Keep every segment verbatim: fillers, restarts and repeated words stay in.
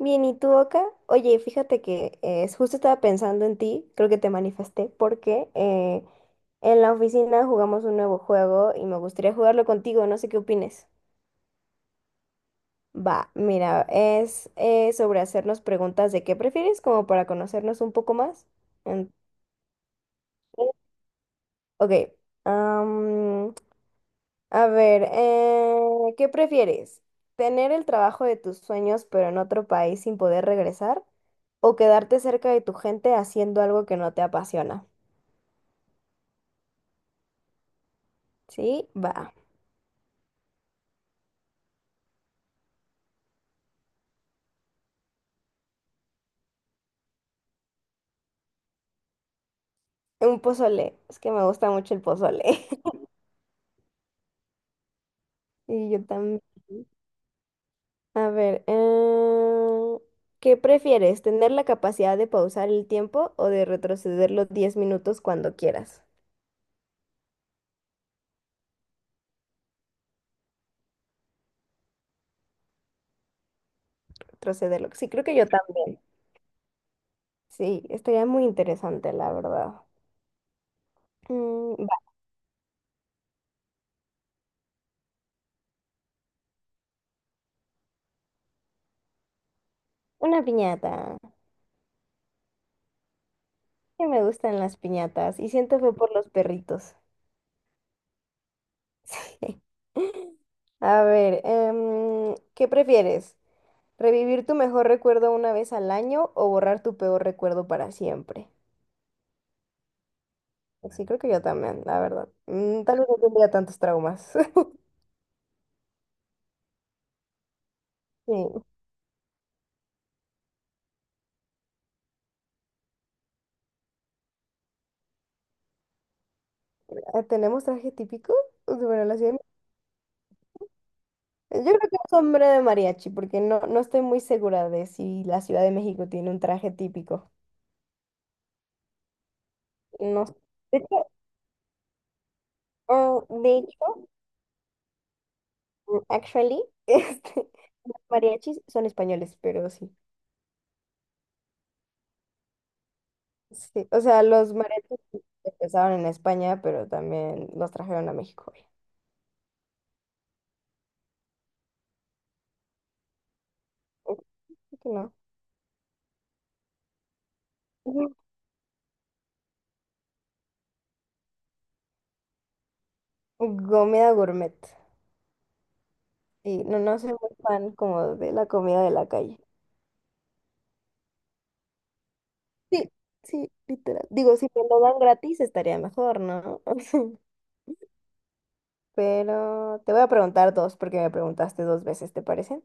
Bien, ¿y tú, Oka? Oye, fíjate que eh, justo estaba pensando en ti, creo que te manifesté, porque eh, en la oficina jugamos un nuevo juego y me gustaría jugarlo contigo, no sé qué opines. Va, mira, es eh, sobre hacernos preguntas de qué prefieres, como para conocernos un poco más. Entonces, ok. A ver, eh, ¿qué prefieres? ¿Tener el trabajo de tus sueños pero en otro país sin poder regresar? ¿O quedarte cerca de tu gente haciendo algo que no te apasiona? Sí, va. Un pozole. Es que me gusta mucho el pozole. Y yo también. A ver, eh, ¿qué prefieres? ¿Tener la capacidad de pausar el tiempo o de retrocederlo diez minutos cuando quieras? Retrocederlo. Sí, creo que yo también. Sí, estaría muy interesante, la verdad. Mm. Una piñata. Que me gustan las piñatas. Y siento fue por los perritos. A ver, em, ¿qué prefieres? ¿Revivir tu mejor recuerdo una vez al año o borrar tu peor recuerdo para siempre? Pues sí, creo que yo también, la verdad. Mm, tal vez no tendría tantos traumas. Sí. Ah, ¿tenemos traje típico? Bueno, la ciudad de- Me- Yo creo que es hombre de mariachi, porque no, no estoy muy segura de si la Ciudad de México tiene un traje típico. No sé. De hecho, ah, de hecho, Actually, este, mariachis son españoles, pero sí. Sí, o sea, los mariachis empezaron en España, pero también los trajeron a México, güey. Así que no. Ujú. Comida gourmet. Y no, no soy muy fan como de la comida de la calle. Sí, sí, literal. Digo, si me lo dan gratis estaría mejor, ¿no? Pero te voy a preguntar dos porque me preguntaste dos veces, ¿te parece?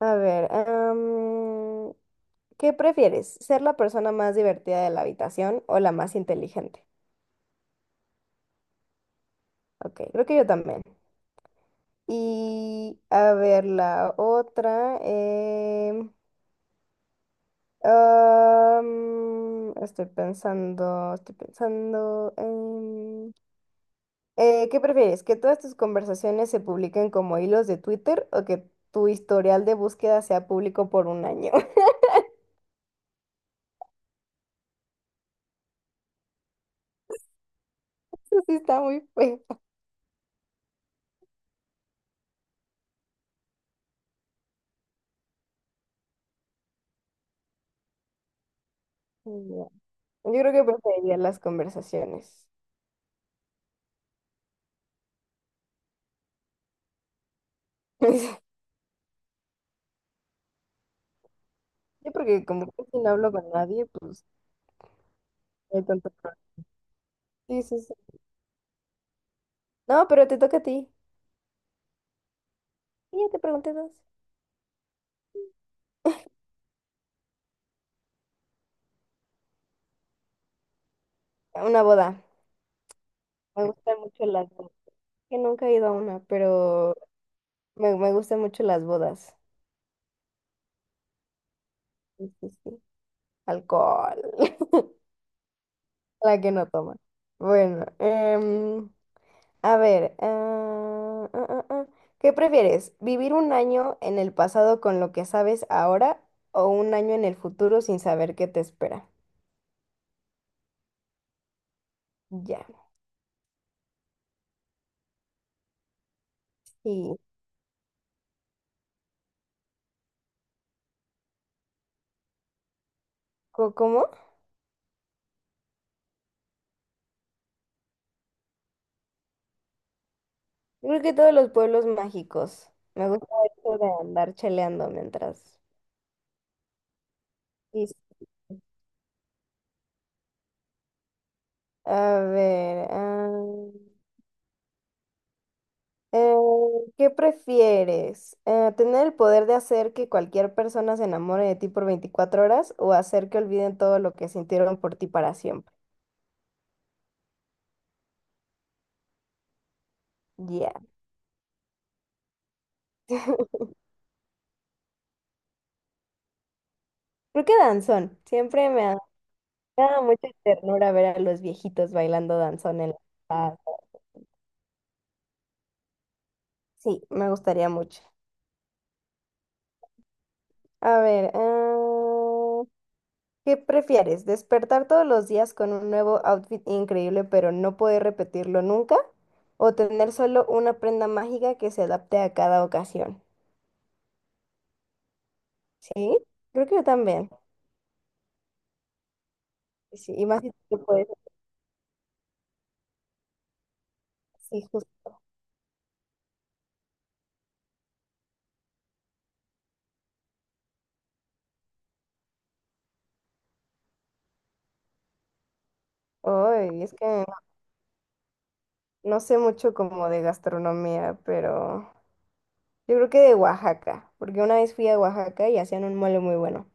A ver, am, ¿qué prefieres? ¿Ser la persona más divertida de la habitación o la más inteligente? Ok, creo que yo también. Y a ver la otra. em, am, estoy pensando, estoy pensando. em, eh, ¿qué prefieres? ¿Que todas tus conversaciones se publiquen como hilos de Twitter o que tu historial de búsqueda sea público por un año? Eso sí está muy feo. Ya. Yo creo que preferiría las conversaciones. Yo porque como casi no hablo con nadie, pues no hay tanto problema. Sí, sí, sí. No, pero te toca a ti. Y ya te pregunté dos. Una boda. Me gustan mucho las bodas. Que nunca he ido a una, pero me, me gustan mucho las bodas. Sí, sí, sí. Alcohol. La que no toma. Bueno, em, a ver. ah, ah, ah, ah. ¿Qué prefieres? ¿Vivir un año en el pasado con lo que sabes ahora o un año en el futuro sin saber qué te espera? Ya. ¿Y co- cómo? Yo creo que todos los pueblos mágicos. Me gusta eso de andar cheleando mientras. Y a ver, ah, eh, ¿qué prefieres? Eh, ¿tener el poder de hacer que cualquier persona se enamore de ti por veinticuatro horas o hacer que olviden todo lo que sintieron por ti para siempre? Ya. Creo que danzón. Siempre me ha dado mucha ternura ver a los viejitos bailando danzón en la plaza. Sí, me gustaría mucho. A ver, ah, ¿Qué prefieres? ¿Despertar todos los días con un nuevo outfit increíble pero no poder repetirlo nunca? ¿O tener solo una prenda mágica que se adapte a cada ocasión? Sí, creo que yo también. Sí, y más si tú puedes. Sí, justo. Ay, es que no sé mucho como de gastronomía, pero yo creo que de Oaxaca, porque una vez fui a Oaxaca y hacían un mole muy bueno.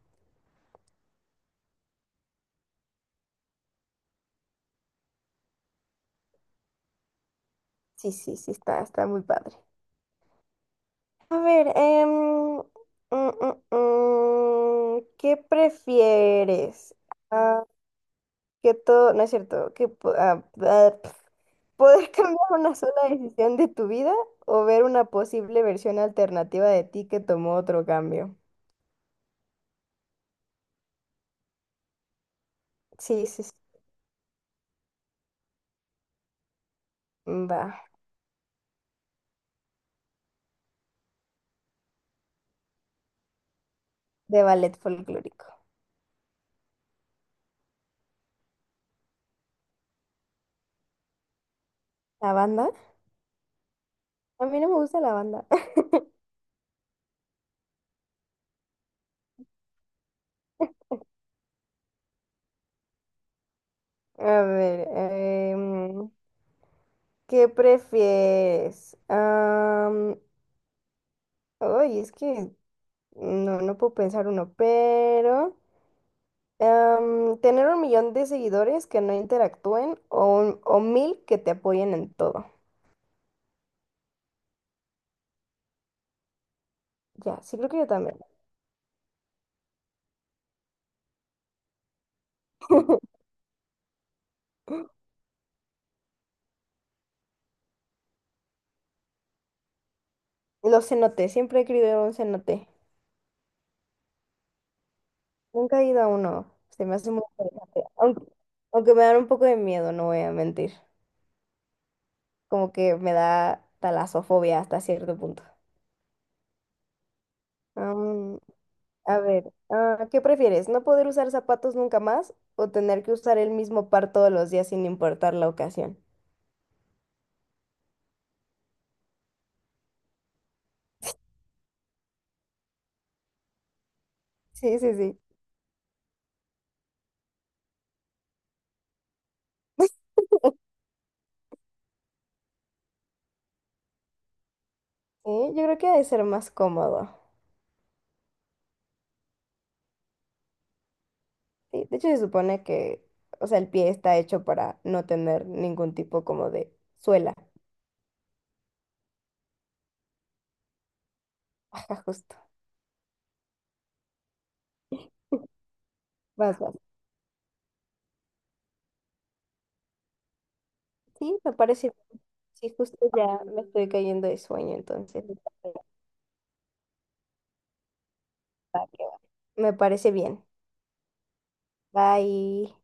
Sí, sí, sí, está, está muy padre. A ver, em, mm, mm, mm, ¿qué prefieres? Ah, que todo, no es cierto, que po- ah, ah, poder cambiar una sola decisión de tu vida o ver una posible versión alternativa de ti que tomó otro cambio. Sí, sí, sí. mm, Va. De ballet folclórico. ¿La banda? A mí no me gusta la banda. A ver, em, ¿qué prefieres? Am, Ay, es que no, no puedo pensar uno, pero em, tener un millón de seguidores que no interactúen o, un- o mil que te apoyen en todo. Ya, sí creo que yo también. Los cenotes, siempre he querido ir a un cenote. Nunca he ido a uno. Se me hace muy interesante. Aunque, aunque me dan un poco de miedo, no voy a mentir. Como que me da talasofobia hasta cierto punto. A ver, ah, ¿qué prefieres? ¿No poder usar zapatos nunca más o tener que usar el mismo par todos los días sin importar la ocasión? Sí, sí, sí. Sí, yo creo que ha de ser más cómodo. Sí, de hecho, se supone que, o sea, el pie está hecho para no tener ningún tipo como de suela. Ajá, justo. Vas, vas. Sí, me parece. Sí, justo ya me estoy cayendo de sueño, entonces. Va que va. Me parece bien. Bye.